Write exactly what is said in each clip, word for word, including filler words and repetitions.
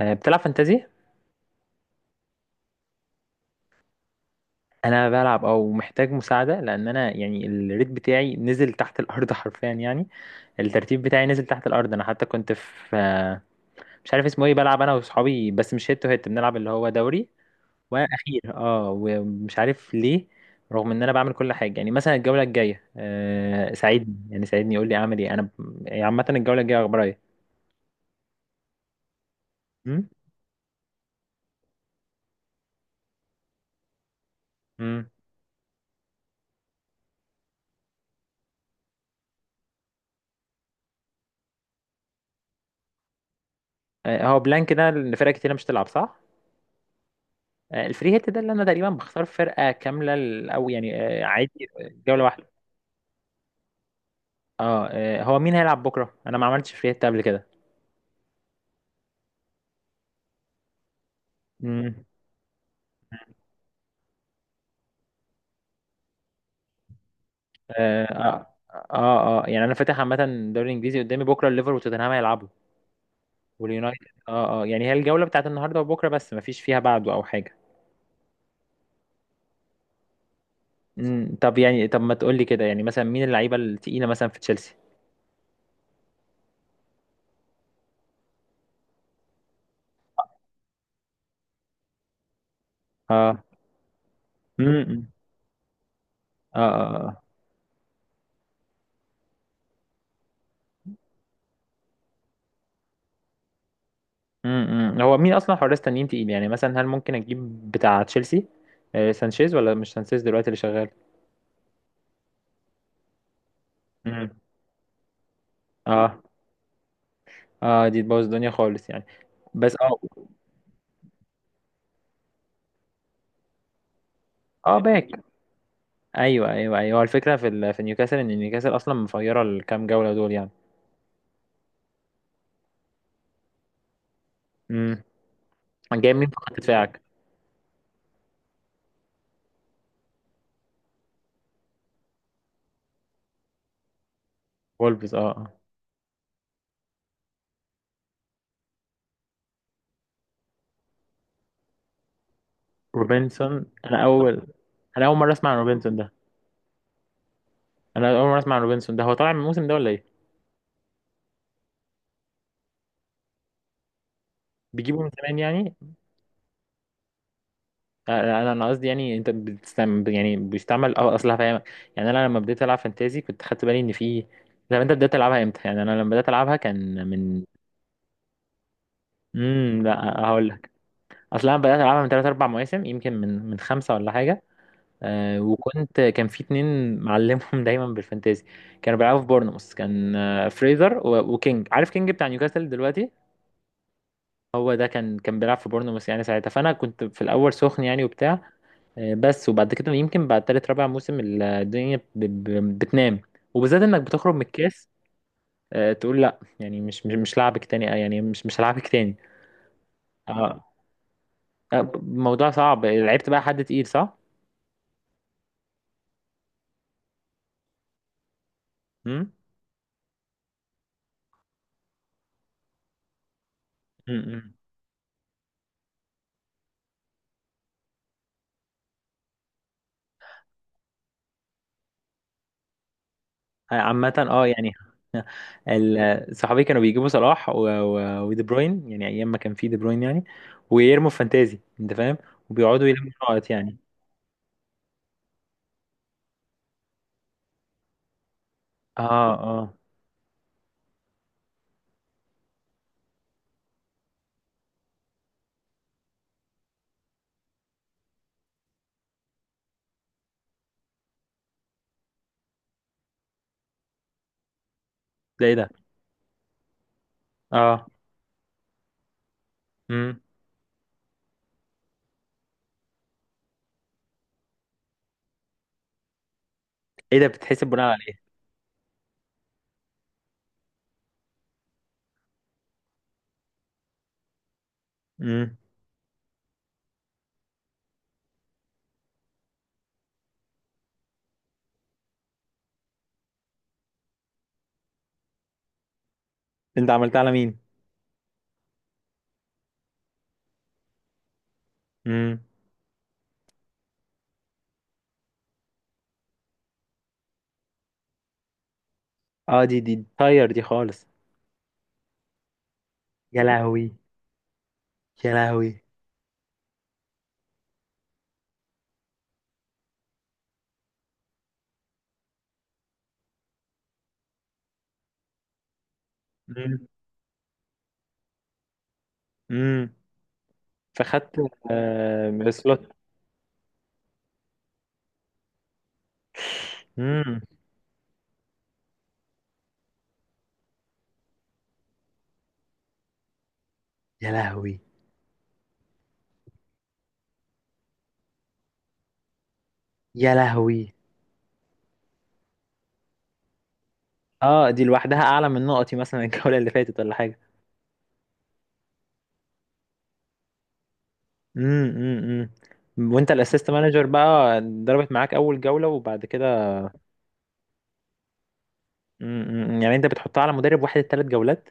آه، بتلعب فانتازي؟ انا بلعب او محتاج مساعده، لان انا يعني الريت بتاعي نزل تحت الارض حرفيا يعني. الترتيب بتاعي نزل تحت الارض. انا حتى كنت في آه، مش عارف اسمه ايه، بلعب انا واصحابي، بس مش هيت تو هيت، بنلعب اللي هو دوري. واخير اه ومش عارف ليه، رغم ان انا بعمل كل حاجه. يعني مثلا الجوله الجايه آه، ساعدني، يعني ساعدني يقول لي اعمل ايه. انا ب- عامه الجوله الجايه اخبارها ايه؟ أمم؟ أمم. آه، هو بلانك ده إن فرق كتير مش تلعب صح. آه، الفري هيت ده اللي انا تقريبا بختار فرقه كامله ال- او يعني آه، عادي. جوله واحده. اه آه، هو مين هيلعب بكره؟ انا ما عملتش فري هيت قبل كده. امم. اه. اه اه آه. يعني انا فاتح عامه الدوري الانجليزي قدامي، بكره الليفر وتوتنهام هيلعبوا واليونايتد. اه اه يعني هي الجوله بتاعت النهارده وبكره، بس ما فيش فيها بعده او حاجه. امم. طب يعني، طب ما تقول لي كده، يعني مثلا مين اللعيبه التقيله مثلا في تشيلسي؟ اه. امم. اه اه آه. امم امم. هو مين اصلا حراس تانيين تقيل، يعني مثلا هل ممكن اجيب بتاع تشيلسي آه، سانشيز، ولا مش سانشيز دلوقتي اللي شغال؟ امم. اه. اه، دي تبوظ الدنيا خالص يعني، بس اه. اه باك. ايوه ايوه ايوه، هو الفكره في ال... في نيوكاسل ان نيوكاسل اصلا مفيره الكام جوله دول يعني. امم. جايب مين في خط دفاعك؟ وولفز. اه آه. روبنسون، انا اول انا اول مره اسمع عن روبنسون ده. انا اول مره اسمع عن روبنسون ده، هو طالع من الموسم ده ولا ايه؟ بيجيبه من زمان يعني؟ انا انا قصدي، يعني انت بتستعمل، يعني بيستعمل، اه اصل هفهمك. يعني انا لما بديت العب فانتازي كنت خدت بالي ان في. طب انت بدات تلعبها امتى؟ يعني انا لما بدات العبها كان من. امم. لا، هقول لك، اصل انا بدات العبها من ثلاثة اربع مواسم، يمكن من من خمسه ولا حاجه. آه وكنت كان في اتنين معلمهم دايما بالفانتازي. كانوا بيلعبوا في بورنموث، كان آه، فريزر و- وكينج، عارف كينج بتاع نيوكاسل دلوقتي؟ هو ده كان، كان بيلعب في بورنموث يعني ساعتها. فانا كنت في الاول سخن يعني وبتاع، آه، بس. وبعد كده يمكن بعد تالت رابع موسم الدنيا ب- ب- بتنام، وبالذات انك بتخرج من الكاس. آه، تقول لا، يعني مش مش مش لعبك تاني، آه، يعني مش مش هلعبك تاني. اه آه، موضوع صعب. لعبت بقى حد تقيل، صح؟ امم امم. آه، عامة اه يعني. ال- صحابي كانوا بيجيبوا صلاح و- و- ودي بروين، يعني ايام ما كان في دي بروين يعني، ويرموا في فانتازي انت فاهم، وبيقعدوا يلموا نقط يعني. اه اه. ده ايه ده؟ اه. امم ايه ده، بتتحسب بناء على ايه؟ انت عملتها على مين؟ امم. اه، دي دي طاير دي خالص. يا لهوي. يا لهوي. امم امم. فخدت. آه سلوت. امم. يا لهوي. يا لهوي. اه، دي لوحدها اعلى من نقطي مثلا الجولة اللي فاتت ولا حاجة. امم امم. امم وانت الاسيست مانجر بقى ضربت معاك اول جولة، وبعد كده؟ امم يعني انت بتحطها على مدرب واحد الثلاث جولات؟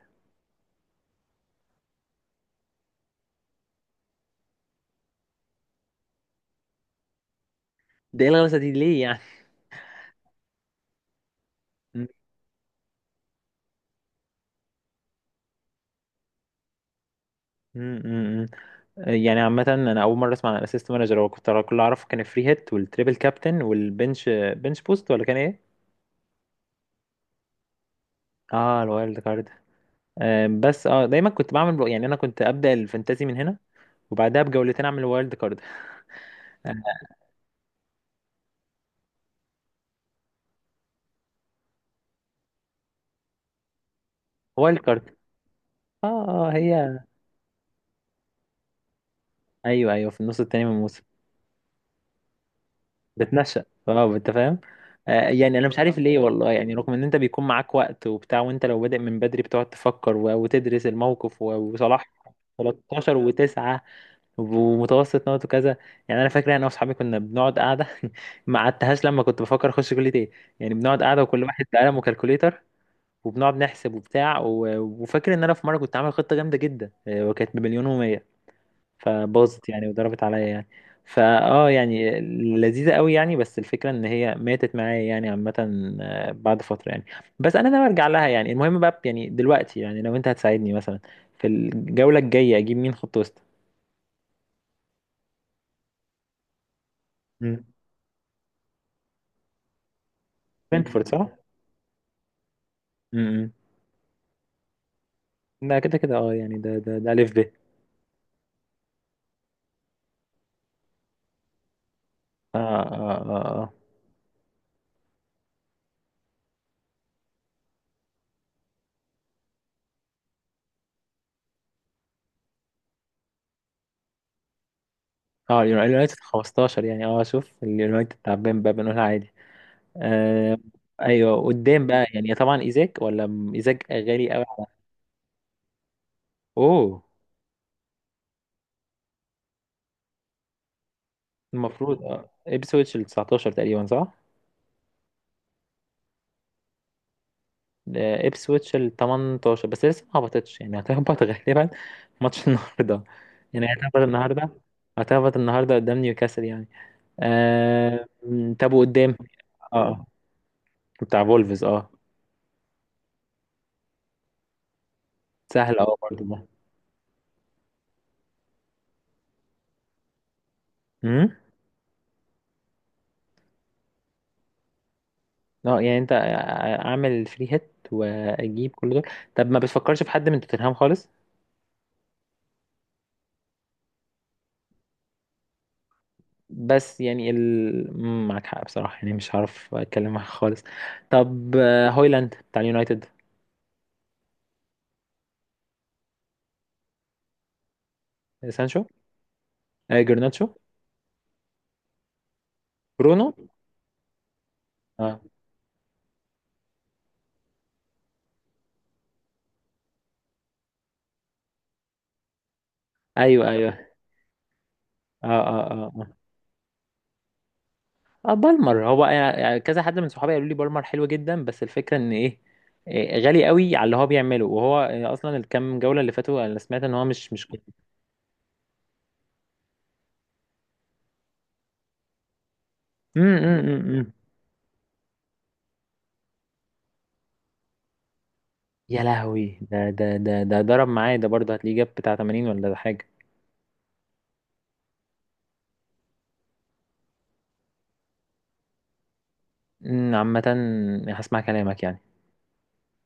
ده ايه الغلسة دي ليه يعني؟ امم امم. يعني عامة، أنا أول مرة أسمع عن الأسيست مانجر. هو كنت كل اللي أعرفه كان الفري هيت والتريبل كابتن والبنش، بنش بوست، ولا كان إيه؟ آه الوايلد كارد. آه بس آه دايما كنت بعمل، يعني أنا كنت أبدأ الفانتازي من هنا، وبعدها بجولتين أعمل الوايلد كارد. آه وايلد كارد. آه آه، هي. أيوه أيوه، في النص التاني من الموسم بتنشأ، آه أنت فاهم؟ آه يعني أنا مش عارف ليه والله، يعني رغم إن أنت بيكون معاك وقت وبتاع، وأنت لو بادئ من بدري بتقعد تفكر و- وتدرس الموقف و- وصلاح ثلاثة عشر و9 ومتوسط نقط وكذا. يعني انا فاكر انا واصحابي كنا بنقعد قاعده. ما قعدتهاش لما كنت بفكر اخش كليه ايه. يعني بنقعد قاعده، وكل واحد بقلم وكالكوليتر، وبنقعد نحسب وبتاع و... وفاكر ان انا في مره كنت عامل خطه جامده جدا، آه، وكانت بمليون ومية، فباظت يعني وضربت عليا يعني. فا اه يعني لذيذه قوي يعني، بس الفكره ان هي ماتت معايا يعني عامه آه، بعد فتره يعني. بس انا ناوي ارجع لها يعني. المهم بقى، يعني دلوقتي، يعني لو انت هتساعدني مثلا في الجوله الجايه، اجيب مين خط وسط؟ مم. فرانكفورت صح؟ امم. ده كده كده، اه يعني ده ده ده الف ب. اه اه اه اه اه، اليون- اليونايتد خمستاشر يعني. اه شوف، اليونايتد تعبان بقى، بنقولها عادي. آه. ايوه، قدام بقى يعني طبعا ايزاك، ولا م- ايزاك غالي قوي؟ اوه. المفروض اه ابسويتش ال تسعتاشر تقريبا، صح؟ آه، ابسويتش ال تمانية عشر بس لسه ما هبطتش، يعني هتهبط غالبا ماتش النهارده. يعني هتهبط النهارده. هتهبط النهارده قدام نيوكاسل يعني. آه م، طب وقدام؟ اه. بتاع فولفز اه سهل اه برضه ده. امم. اه يعني انت، اعمل فري هيت واجيب كل دول؟ طب ما بتفكرش في حد من توتنهام خالص؟ بس يعني ال... مم، معاك حق بصراحة، يعني مش هعرف اتكلم معاك خالص. طب آه، هويلاند بتاع اليونايتد. سانشو. آه، جرناتشو. برونو. اه ايوه ايوه. اه اه اه اه. آه، بالمر. هو يعني كذا حد من صحابي قالوا لي بالمر حلو جدا، بس الفكرة ان ايه، إيه، غالي قوي على اللي هو بيعمله، وهو آه، اصلا الكام جولة اللي فاتوا انا سمعت ان هو مش مش. كويس. يا لهوي، ده ده ده ده ضرب معايا، ده برضه هتلاقيه جاب بتاع تمانين ولا ده حاجة. أمم، عامة، هسمع كلامك يعني.